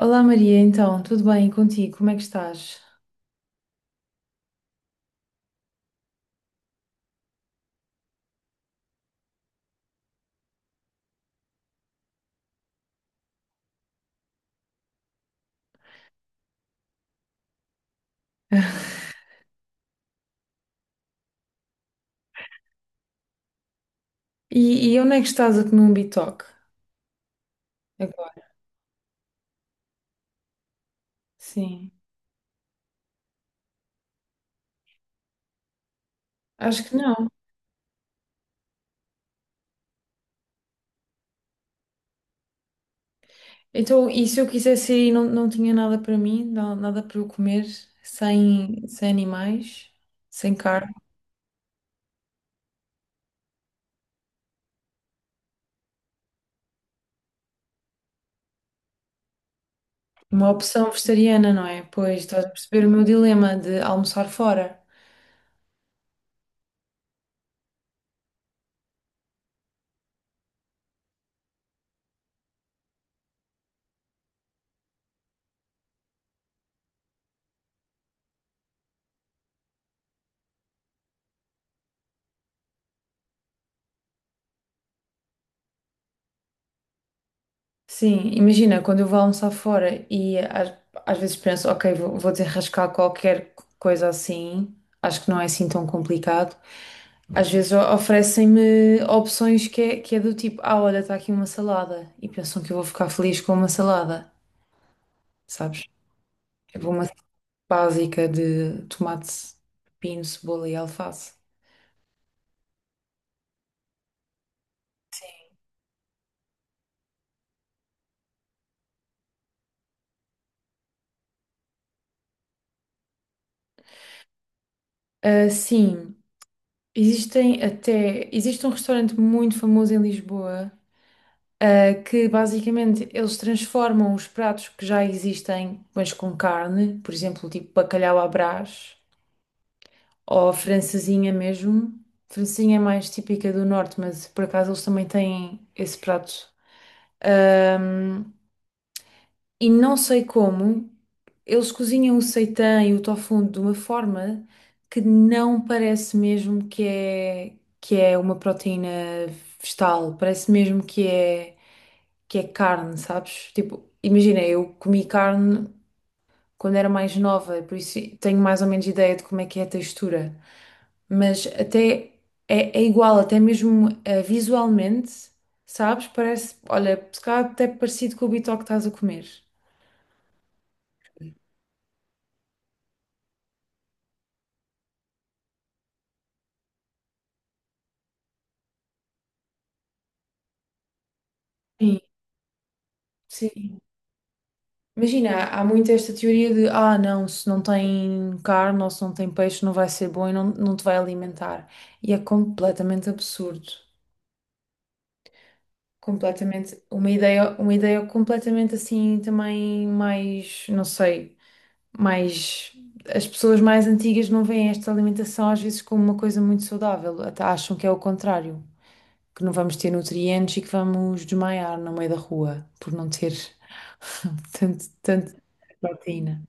Olá Maria, então, tudo bem contigo? Como é que estás? E onde é que estás a comer um bitoque agora? Sim, acho que não. Então, e se eu quisesse ir e não tinha nada para mim, nada para eu comer, sem animais, sem carne? Uma opção vegetariana, não é? Pois estás a perceber o meu dilema de almoçar fora. Sim, imagina, quando eu vou almoçar fora às vezes penso, ok, vou desenrascar qualquer coisa assim, acho que não é assim tão complicado. Às vezes oferecem-me opções que é do tipo, ah, olha, está aqui uma salada. E pensam que eu vou ficar feliz com uma salada, sabes? Tipo uma básica de tomate, pepino, cebola e alface. Ah, sim, existem até... Existe um restaurante muito famoso em Lisboa, ah, que basicamente eles transformam os pratos que já existem, mas com carne, por exemplo, tipo bacalhau à Brás. Ou a francesinha mesmo. Francesinha é mais típica do norte, mas por acaso eles também têm esse prato. Ahm, e não sei como, eles cozinham o seitã e o tofu de uma forma que não parece mesmo que é uma proteína vegetal. Parece mesmo que é carne, sabes? Tipo, imagina, eu comi carne quando era mais nova, por isso tenho mais ou menos ideia de como é que é a textura. Mas até é igual, até mesmo visualmente, sabes? Parece, olha, se calhar até parecido com o bitoque que estás a comer. Sim, sim. Imagina, há muito esta teoria de, ah, não, se não tem carne ou se não tem peixe não vai ser bom e não te vai alimentar. E é completamente absurdo. Completamente, uma ideia completamente assim também mais, não sei. Mas as pessoas mais antigas não veem esta alimentação às vezes como uma coisa muito saudável, até acham que é o contrário, que não vamos ter nutrientes e que vamos desmaiar no meio da rua por não ter tanto proteína.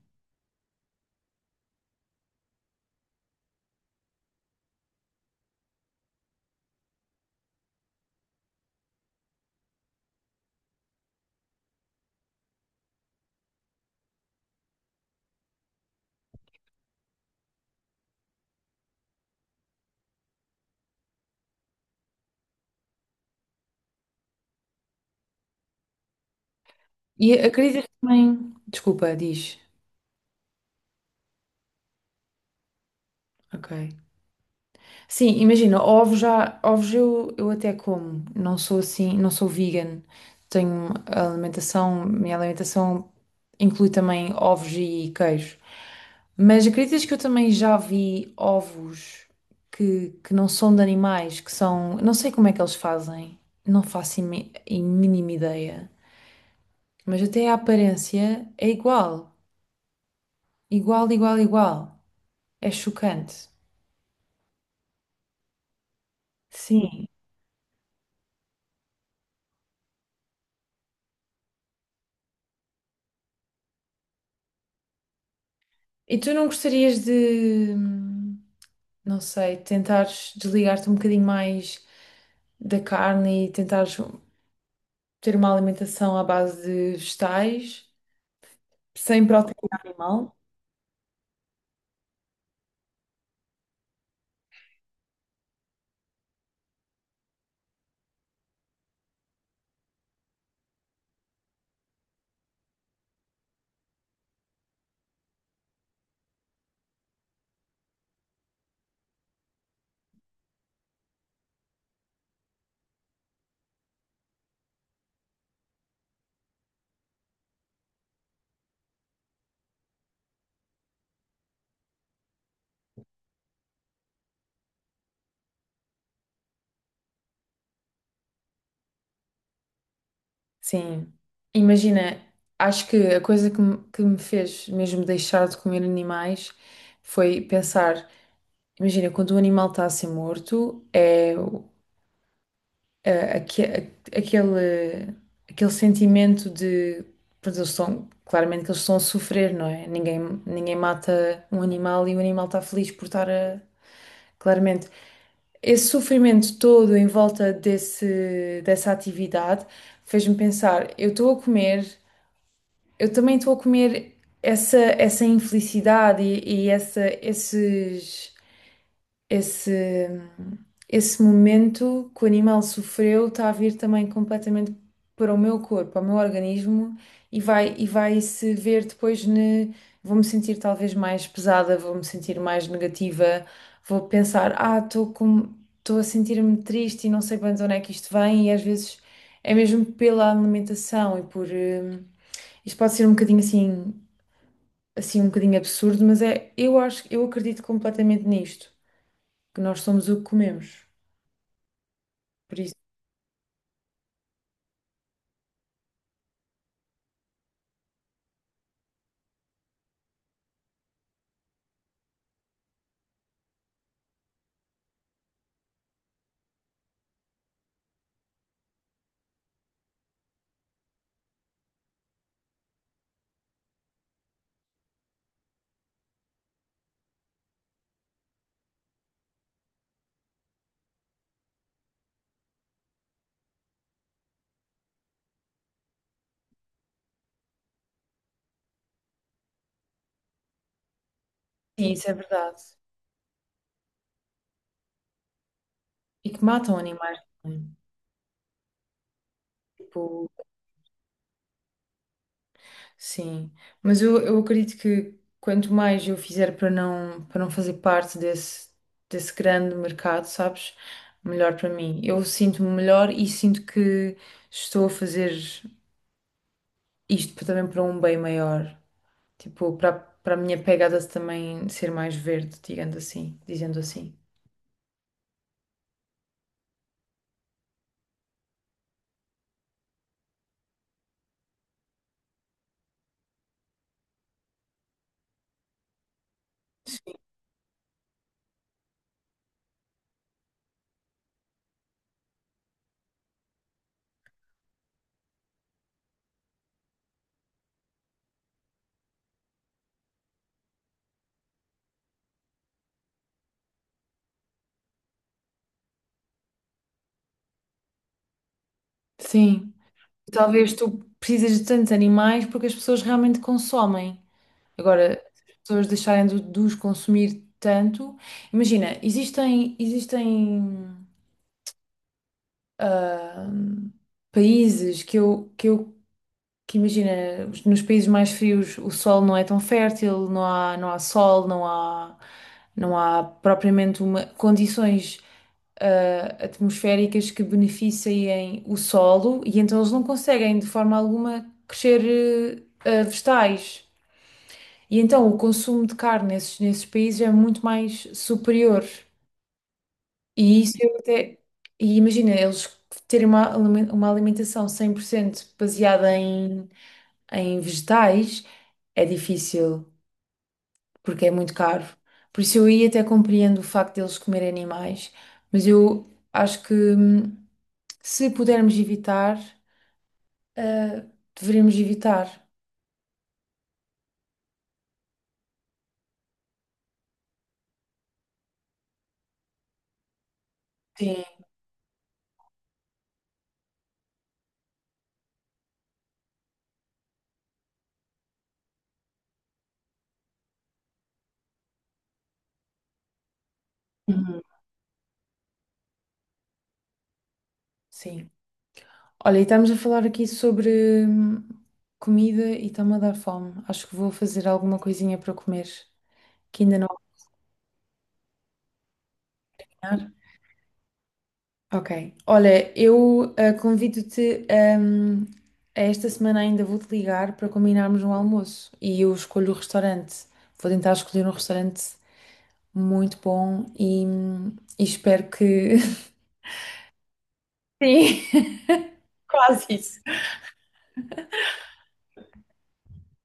E acreditas que também. Desculpa, diz. Ok. Sim, imagina, eu até como, não sou vegan, minha alimentação inclui também ovos e queijo, mas acreditas que eu também já vi ovos que não são de animais, que são, não sei como é que eles fazem, não faço a mínima ideia, mas até a aparência é igual, igual, é chocante. Sim. E tu não gostarias de, não sei, tentares desligar-te um bocadinho mais da carne e tentares ter uma alimentação à base de vegetais, sem proteína animal? Sim. Imagina, acho que a coisa que me fez mesmo deixar de comer animais foi pensar, imagina, quando o animal está a ser morto, é eh, aque- aquele, aquele sentimento de, pois eles estão, claramente que eles estão a sofrer, não é? Ninguém mata um animal e o animal está feliz por estar a, claramente. Esse sofrimento todo em volta dessa atividade fez-me pensar, eu estou a comer, eu também estou a comer essa infelicidade e essa, esses esse, esse momento que o animal sofreu está a vir também completamente para o meu corpo, ao meu organismo e vai se ver depois ne, vou-me sentir talvez mais pesada, vou-me sentir mais negativa, vou pensar, ah, estou a sentir-me triste e não sei bem de onde é que isto vem e às vezes é mesmo pela alimentação e por isto pode ser um bocadinho assim, assim um bocadinho absurdo, mas é, eu acho, eu acredito completamente nisto que nós somos o que comemos. Por isso, sim, isso é verdade. E que matam animais também. Tipo, sim. Mas eu acredito que quanto mais eu fizer para para não fazer parte desse grande mercado, sabes? Melhor para mim. Eu sinto-me melhor e sinto que estou a fazer isto também para um bem maior. Tipo, para, para a minha pegada também ser mais verde, digamos assim, dizendo assim. Sim. Talvez tu precisas de tantos animais porque as pessoas realmente consomem. Agora, se as pessoas deixarem de os consumir tanto. Imagina, existem ah, países que eu que imagina, nos países mais frios o solo não é tão fértil, não há sol, não há propriamente uma, condições atmosféricas que beneficiem o solo e então eles não conseguem de forma alguma crescer vegetais. E então o consumo de carne nesses países é muito mais superior. E isso eu até. E imagina, eles terem uma, uma alimentação 100% baseada em, em vegetais é difícil, porque é muito caro. Por isso eu aí até compreendo o facto deles comerem animais, mas eu acho que se pudermos evitar, deveríamos evitar. Sim. Uhum. Sim. Olha, e estamos a falar aqui sobre comida e está-me a dar fome. Acho que vou fazer alguma coisinha para comer, que ainda não. Ok. Olha, convido-te, a esta semana ainda vou-te ligar para combinarmos um almoço e eu escolho o restaurante. Vou tentar escolher um restaurante muito bom e espero que. Sim, quase isso.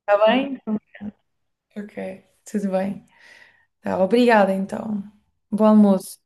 Está bem? Ok, tudo bem. Tá, obrigada então. Bom almoço.